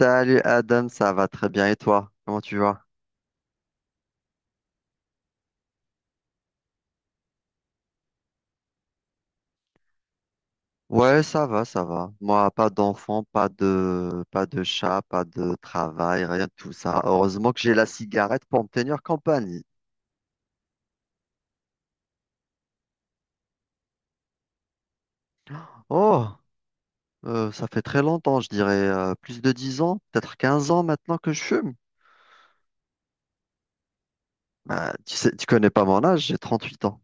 Salut Adam, ça va très bien et toi? Comment tu vas? Ouais, ça va, ça va. Moi, pas d'enfant, pas de, pas de chat, pas de travail, rien de tout ça. Heureusement que j'ai la cigarette pour me tenir compagnie. Oh, ça fait très longtemps, je dirais plus de 10 ans, peut-être 15 ans maintenant que je fume. Bah, tu sais, tu connais pas mon âge, j'ai 38 ans.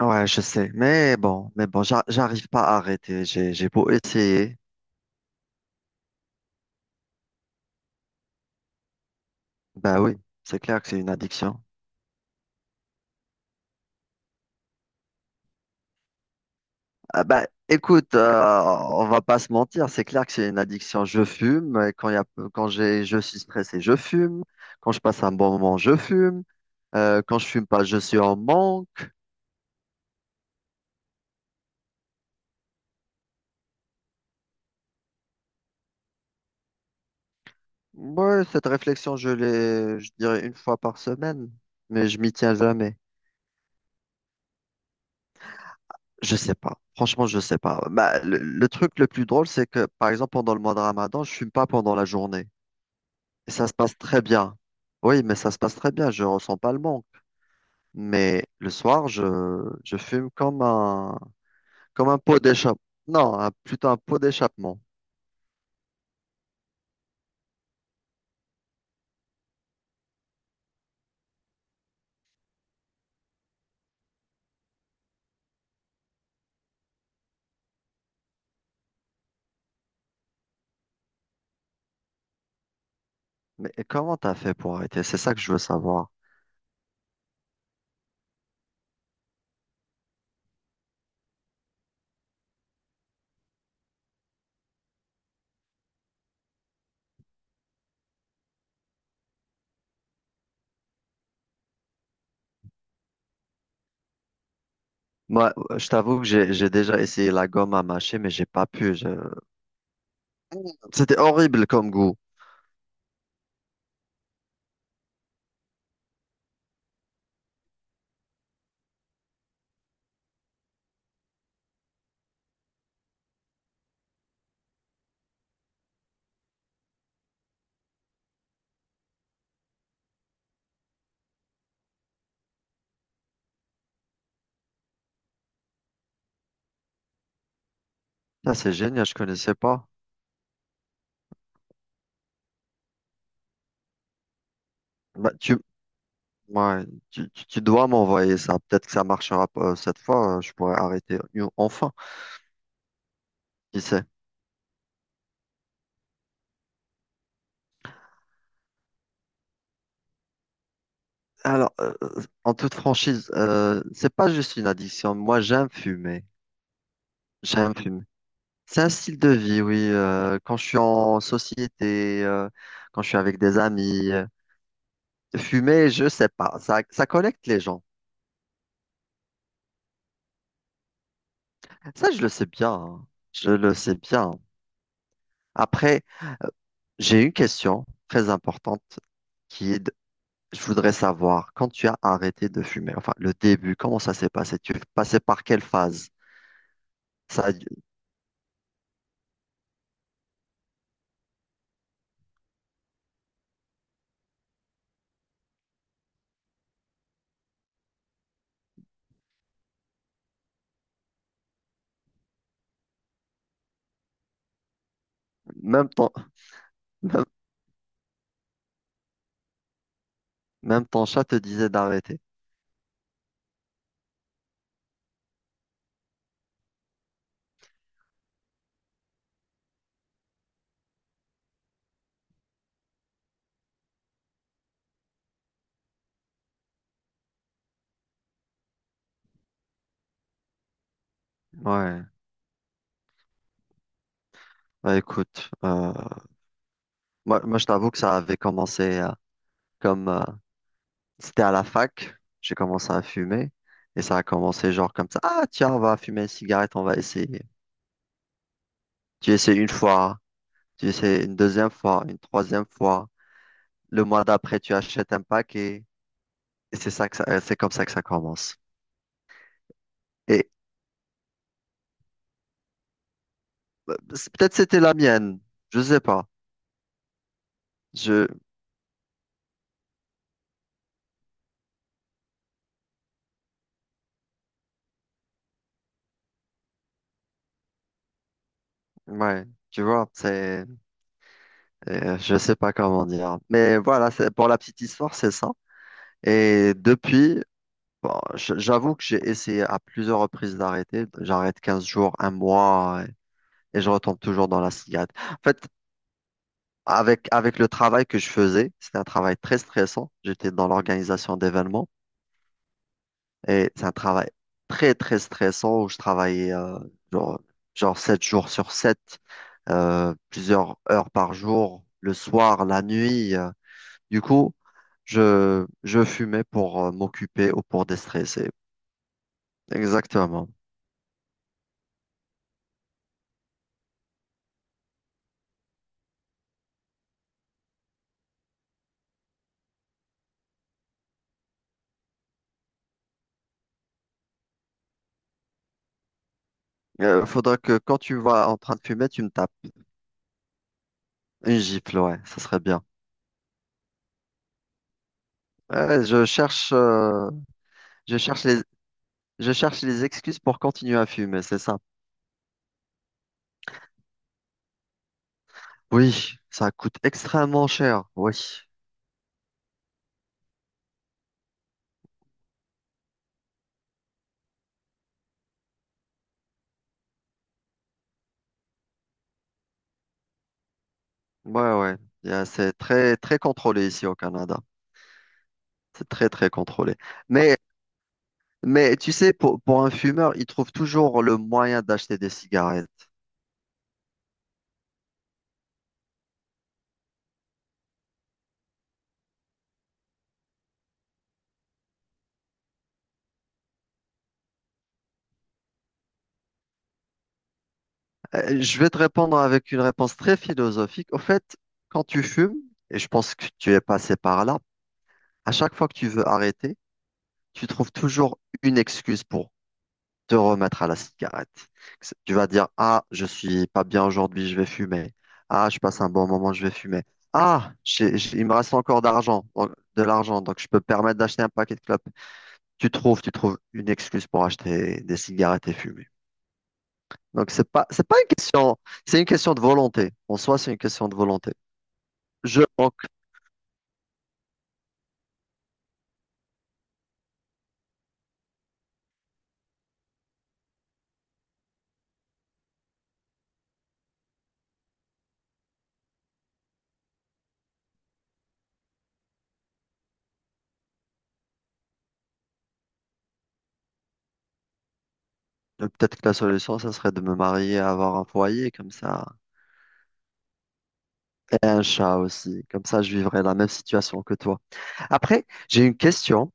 Ouais, je sais. Mais bon, j'arrive pas à arrêter. J'ai beau essayer. Bah oui, c'est clair que c'est une addiction. Ah bah, écoute, on va pas se mentir, c'est clair que c'est une addiction. Je fume, et quand il y a, quand je suis stressé, je fume. Quand je passe un bon moment, je fume. Quand je fume pas, je suis en manque. Ouais, cette réflexion, je l'ai, je dirais une fois par semaine, mais je m'y tiens jamais. Je sais pas. Franchement, je sais pas. Bah, le truc le plus drôle, c'est que, par exemple, pendant le mois de Ramadan, je fume pas pendant la journée. Et ça se passe très bien. Oui, mais ça se passe très bien. Je ressens pas le manque. Mais le soir, je fume comme un pot d'échappement. Non, plutôt un pot d'échappement. Mais comment t'as fait pour arrêter? C'est ça que je veux savoir. Moi, je t'avoue que j'ai déjà essayé la gomme à mâcher, mais j'ai pas pu. C'était horrible comme goût. Ça, c'est génial, je connaissais pas. Bah, tu, ouais, tu dois m'envoyer ça. Peut-être que ça marchera pas cette fois. Je pourrais arrêter enfin. Qui sait? Alors, en toute franchise, c'est pas juste une addiction. Moi, j'aime fumer. J'aime fumer. C'est un style de vie, oui. Quand je suis en société, quand je suis avec des amis, fumer, je sais pas. Ça connecte les gens. Ça, je le sais bien, hein. Je le sais bien. Après, j'ai une question très importante qui est, je voudrais savoir, quand tu as arrêté de fumer, enfin, le début, comment ça s'est passé? Tu es passé par quelle phase? Ça, a- même temps. Même ton chat te disait d'arrêter. Ouais, bah écoute, moi, je t'avoue que ça avait commencé comme c'était à la fac, j'ai commencé à fumer et ça a commencé genre comme ça. Ah tiens, on va fumer une cigarette, on va essayer. Tu essaies une fois, tu essaies une deuxième fois, une troisième fois. Le mois d'après, tu achètes un paquet et c'est comme ça que ça commence. Et peut-être c'était la mienne, je sais pas. Je, ouais, tu vois, c'est. Je sais pas comment dire. Mais voilà, pour la petite histoire, c'est ça. Et depuis, bon, j'avoue que j'ai essayé à plusieurs reprises d'arrêter. J'arrête 15 jours, un mois, et je retombe toujours dans la cigarette. En fait, avec le travail que je faisais, c'était un travail très stressant. J'étais dans l'organisation d'événements et c'est un travail très, très stressant où je travaillais genre, genre 7 jours sur 7 plusieurs heures par jour, le soir, la nuit. Du coup, je fumais pour m'occuper ou pour déstresser. Exactement. Faudra que quand tu vas en train de fumer, tu me tapes une gifle, ouais, ça serait bien. Ouais, je cherche, euh, je cherche les, je cherche les excuses pour continuer à fumer, c'est ça. Oui, ça coûte extrêmement cher. Oui, ouais, ouais. C'est très, très contrôlé ici au Canada. C'est très, très contrôlé. Mais, mais tu sais, pour un fumeur, il trouve toujours le moyen d'acheter des cigarettes. Je vais te répondre avec une réponse très philosophique. Au fait, quand tu fumes, et je pense que tu es passé par là, à chaque fois que tu veux arrêter, tu trouves toujours une excuse pour te remettre à la cigarette. Tu vas dire, ah, je suis pas bien aujourd'hui, je vais fumer. Ah, je passe un bon moment, je vais fumer. Ah, il me reste encore de l'argent, donc je peux me permettre d'acheter un paquet de clopes. Tu trouves une excuse pour acheter des cigarettes et fumer. Donc, c'est pas une question, c'est une question de volonté. En soi, c'est une question de volonté. Je pense que peut-être que la solution, ça serait de me marier, avoir un foyer comme ça, et un chat aussi. Comme ça, je vivrais la même situation que toi. Après, j'ai une question.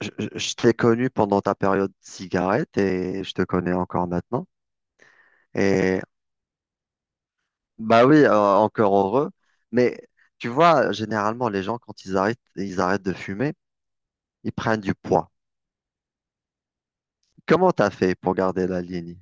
Je t'ai connu pendant ta période de cigarette et je te connais encore maintenant. Et bah oui, encore heureux. Mais tu vois, généralement, les gens, quand ils arrêtent de fumer, ils prennent du poids. Comment t'as fait pour garder la ligne?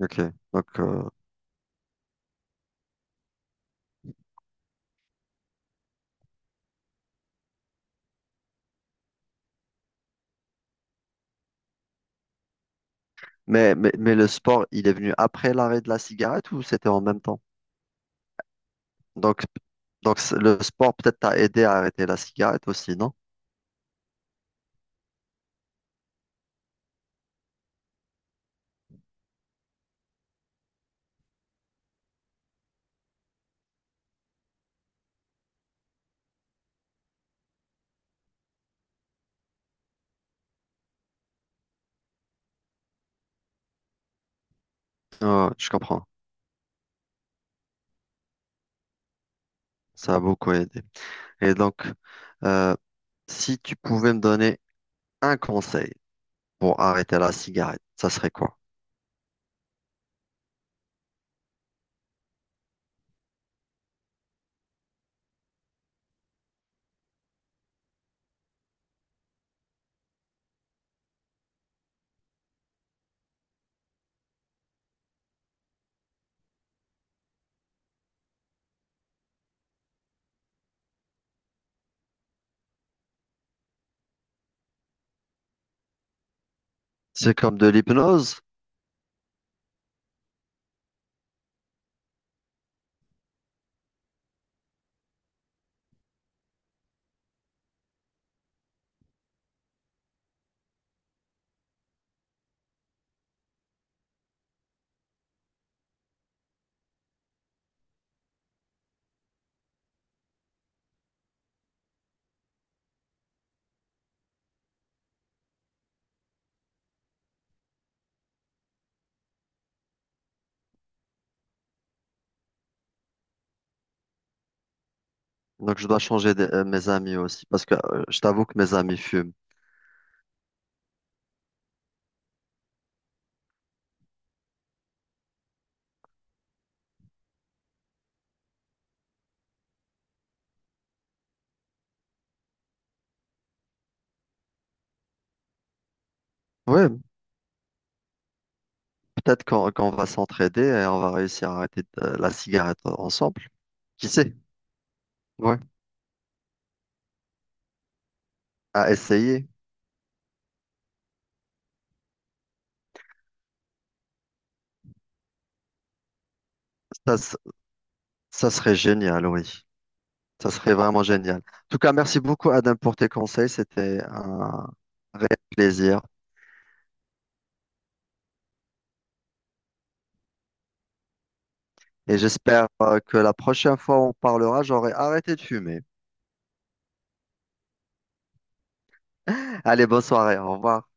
Ok. Donc, mais le sport, il est venu après l'arrêt de la cigarette ou c'était en même temps? Donc, le sport peut-être t'a aidé à arrêter la cigarette aussi, non? Ouais, je comprends. Ça a beaucoup aidé. Et donc, euh, si tu pouvais me donner un conseil pour arrêter la cigarette, ça serait quoi? C'est comme de l'hypnose? Donc, je dois changer mes amis aussi, parce que je t'avoue que mes amis fument. Oui, peut-être qu'on va s'entraider et on va réussir à arrêter la cigarette ensemble. Qui sait? Ouais, à essayer. Ça, s- ça serait génial, oui. Ça serait vraiment génial. En tout cas, merci beaucoup, Adam, pour tes conseils. C'était un réel plaisir. Et j'espère que la prochaine fois où on parlera, j'aurai arrêté de fumer. Allez, bonne soirée. Au revoir.